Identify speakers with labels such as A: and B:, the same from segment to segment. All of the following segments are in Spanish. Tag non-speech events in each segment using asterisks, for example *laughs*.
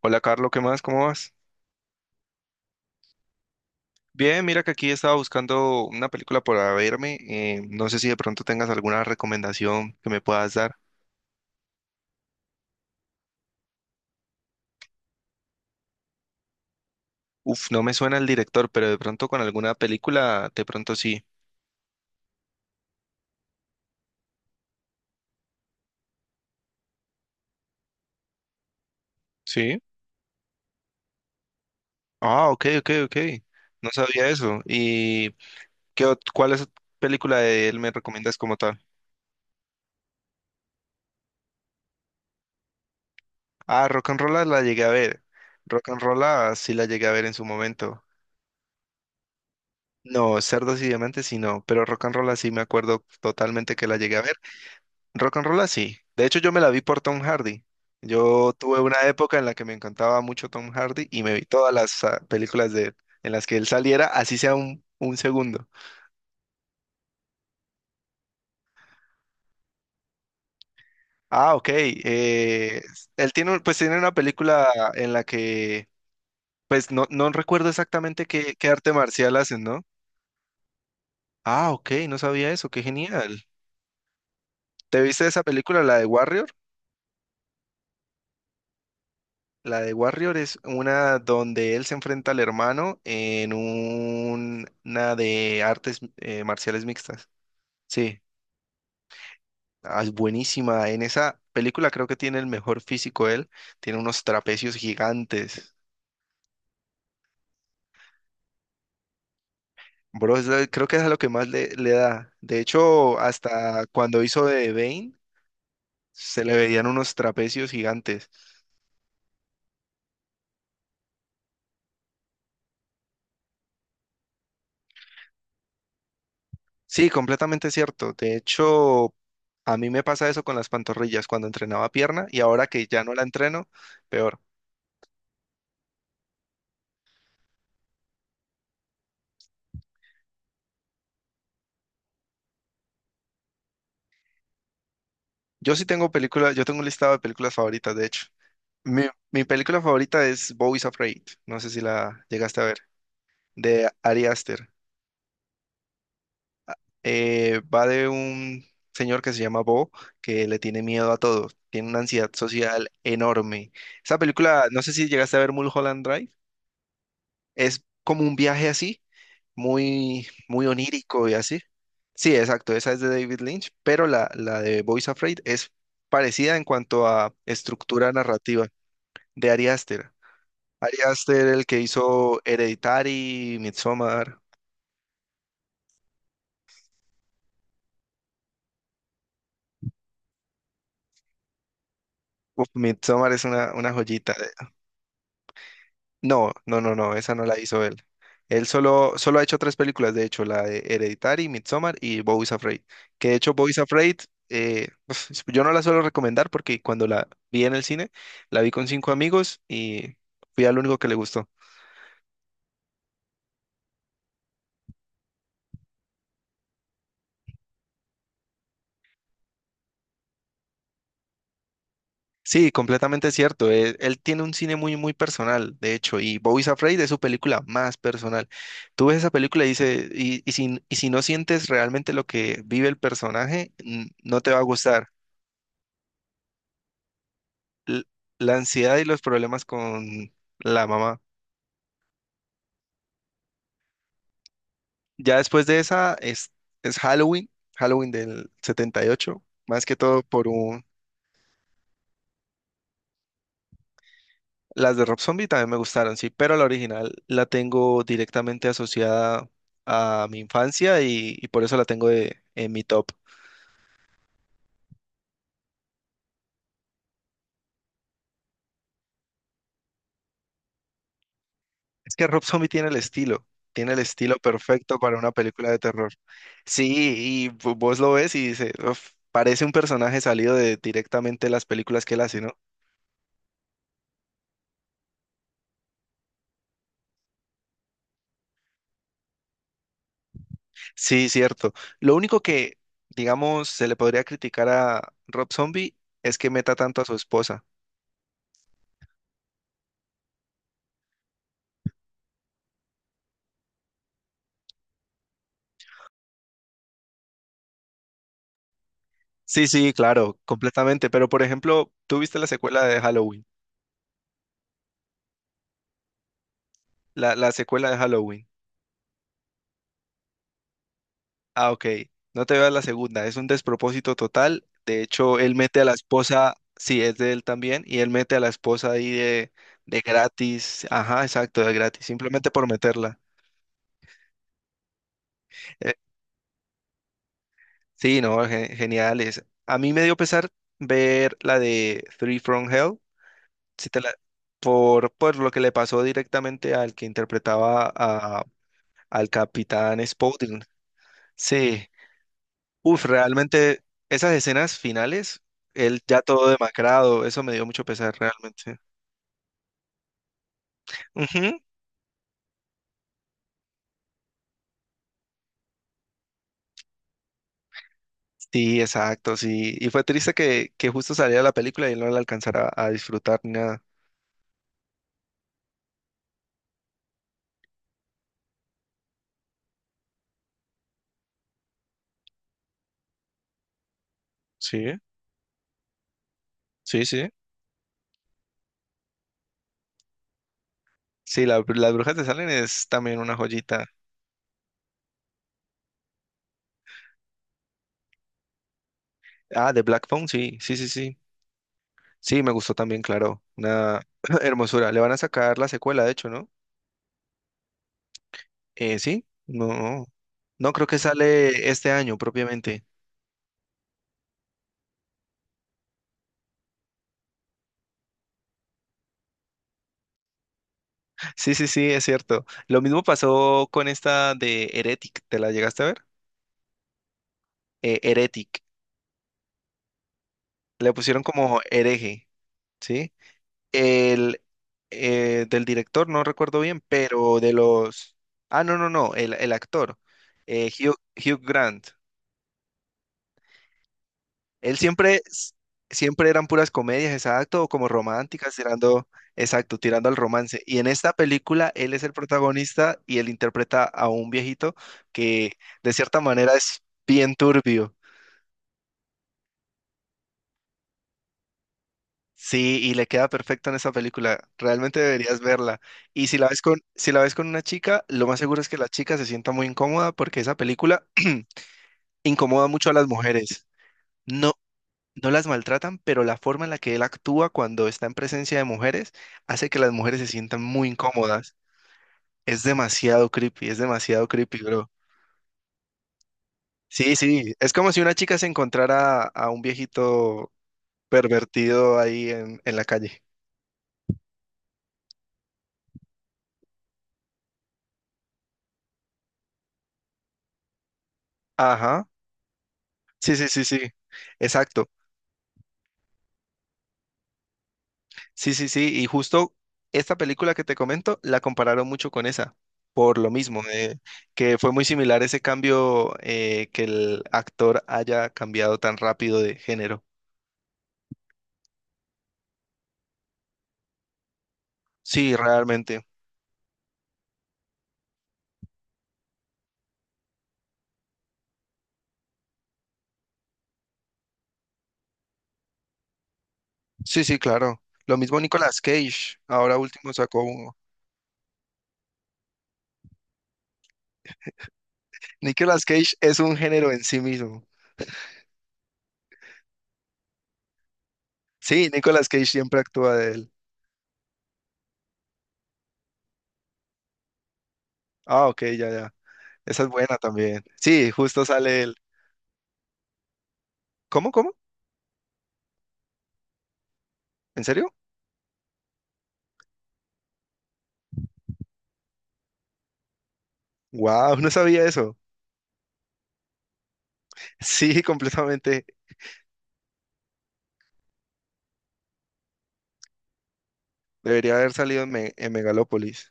A: Hola Carlos, ¿qué más? ¿Cómo vas? Bien, mira que aquí estaba buscando una película para verme. No sé si de pronto tengas alguna recomendación que me puedas dar. Uf, no me suena el director, pero de pronto con alguna película, de pronto sí. ¿Sí? Ah, ok, ok, ok. No sabía eso. ¿Y qué, cuál es película de él me recomiendas como tal? Ah, Rock and Roll la llegué a ver. Rock and Roll sí la llegué a ver en su momento. No, Cerdos y Diamantes sí no, pero Rock and Roll sí me acuerdo totalmente que la llegué a ver. Rock and roll ah, sí. De hecho, yo me la vi por Tom Hardy. Yo tuve una época en la que me encantaba mucho Tom Hardy y me vi todas las películas de él, en las que él saliera, así sea un segundo. Ah, ok. Él tiene, pues tiene una película en la pues no recuerdo exactamente qué, qué arte marcial hacen, ¿no? Ah, ok, no sabía eso, qué genial. ¿Te viste esa película, la de Warrior? La de Warrior es una donde él se enfrenta al hermano en una de artes marciales mixtas. Sí, ah, es buenísima. En esa película creo que tiene el mejor físico él. Tiene unos trapecios gigantes. Bro, creo que es a lo que más le, le da. De hecho, hasta cuando hizo de Bane, se le veían unos trapecios gigantes. Sí, completamente cierto. De hecho, a mí me pasa eso con las pantorrillas cuando entrenaba pierna y ahora que ya no la entreno, peor. Yo sí tengo películas, yo tengo un listado de películas favoritas, de hecho. Mi, Mi película favorita es Bo is Afraid, no sé si la llegaste a ver, de Ari Aster. Va de un señor que se llama Bo, que le tiene miedo a todo, tiene una ansiedad social enorme. Esa película, no sé si llegaste a ver Mulholland Drive, es como un viaje así, muy, muy onírico y así. Sí, exacto, esa es de David Lynch, pero la de Bo is Afraid es parecida en cuanto a estructura narrativa. De Ari Aster. Ari Aster, el que hizo Hereditary, Midsommar. Uf, Midsommar es una joyita. No, esa no la hizo él. Él solo ha hecho tres películas, de hecho, la de Hereditary, Midsommar y Boys Afraid. Que de hecho, Boys Afraid, uf, yo no la suelo recomendar porque cuando la vi en el cine, la vi con cinco amigos y fui al único que le gustó. Sí, completamente cierto. Él tiene un cine muy, muy personal, de hecho, y Boys Afraid es su película más personal. Tú ves esa película y, dice, y si no sientes realmente lo que vive el personaje, no te va a gustar. L- la ansiedad y los problemas con la mamá. Ya después de esa es Halloween, Halloween del 78, más que todo por un, Las de Rob Zombie también me gustaron, sí, pero la original la tengo directamente asociada a mi infancia y por eso la tengo en mi top. Es que Rob Zombie tiene el estilo perfecto para una película de terror. Sí, y vos lo ves y dices, "Uf, parece un personaje salido de directamente las películas que él hace, ¿no? Sí, cierto. Lo único que, digamos, se le podría criticar a Rob Zombie es que meta tanto a su esposa. Sí, sí, claro, completamente. Pero por ejemplo, ¿tú viste la secuela de Halloween? La secuela de Halloween. Ah, ok. No te veas la segunda. Es un despropósito total. De hecho, él mete a la esposa, sí, es de él también, y él mete a la esposa ahí de gratis. Ajá, exacto, de gratis, simplemente por meterla. Eh, sí, no, ge- genial. Es, a mí me dio pesar ver la de Three from Hell, si te la- por lo que le pasó directamente al que interpretaba a al capitán Spaulding. Sí, uf, realmente esas escenas finales, él ya todo demacrado, eso me dio mucho pesar realmente. Ujú, sí, exacto, sí. Y fue triste que justo saliera la película y él no la alcanzara a disfrutar ni nada. Sí, sí, sí. Sí, las brujas de Salem es también una joyita. Ah, de Black Phone, sí, sí, sí, sí. Sí, me gustó también, claro. Una *clears throat* hermosura. Le van a sacar la secuela, de hecho, ¿no? Sí, no. No, creo que sale este año propiamente. Sí, sí, sí, es cierto. Lo mismo pasó con esta de Heretic, ¿te la llegaste a ver? Heretic, le pusieron como hereje, ¿sí? El Del director, no recuerdo bien, pero de los... Ah, no, no, no, el actor, Hugh Grant. Él siempre, siempre eran puras comedias, exacto, o como románticas, tirando, exacto, tirando al romance. Y en esta película, él es el protagonista y él interpreta a un viejito que de cierta manera es bien turbio. Sí, y le queda perfecto en esa película. Realmente deberías verla. Y si la ves con, si la ves con una chica, lo más seguro es que la chica se sienta muy incómoda porque esa película *clears throat* incomoda mucho a las mujeres. No, no las maltratan, pero la forma en la que él actúa cuando está en presencia de mujeres hace que las mujeres se sientan muy incómodas. Es demasiado creepy, bro. Sí, sí, es como si una chica se encontrara a un viejito pervertido ahí en la calle. Ajá, sí, sí, sí, sí, exacto. Sí, sí, sí, y justo esta película que te comento la compararon mucho con esa, por lo mismo, que fue muy similar ese cambio que el actor haya cambiado tan rápido de género. Sí, realmente. Sí, sí, claro. Lo mismo Nicolas Cage. Ahora último sacó uno. Nicolas Cage es un género en sí mismo. Sí, Nicolas Cage siempre actúa de él. Ah, ok, ya, ya. Esa es buena también. Sí, justo sale él. ¿Cómo, cómo? ¿En serio? Wow, *laughs* no sabía eso. Sí, completamente. Debería haber salido en, en Megalópolis.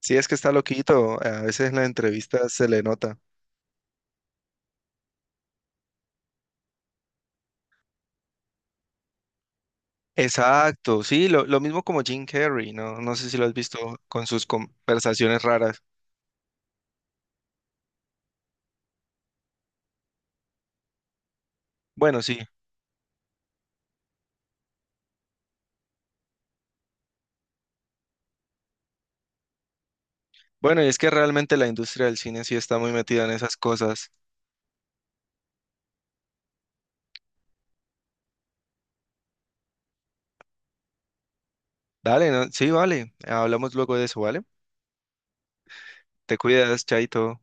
A: Sí, es que está loquito. A veces en las entrevistas se le nota. Exacto, sí, lo mismo como Jim Carrey, ¿no? No sé si lo has visto con sus conversaciones raras. Bueno, sí. Bueno, y es que realmente la industria del cine sí está muy metida en esas cosas. Dale, ¿no? Sí, vale. Hablamos luego de eso, ¿vale? Te cuidas, Chaito.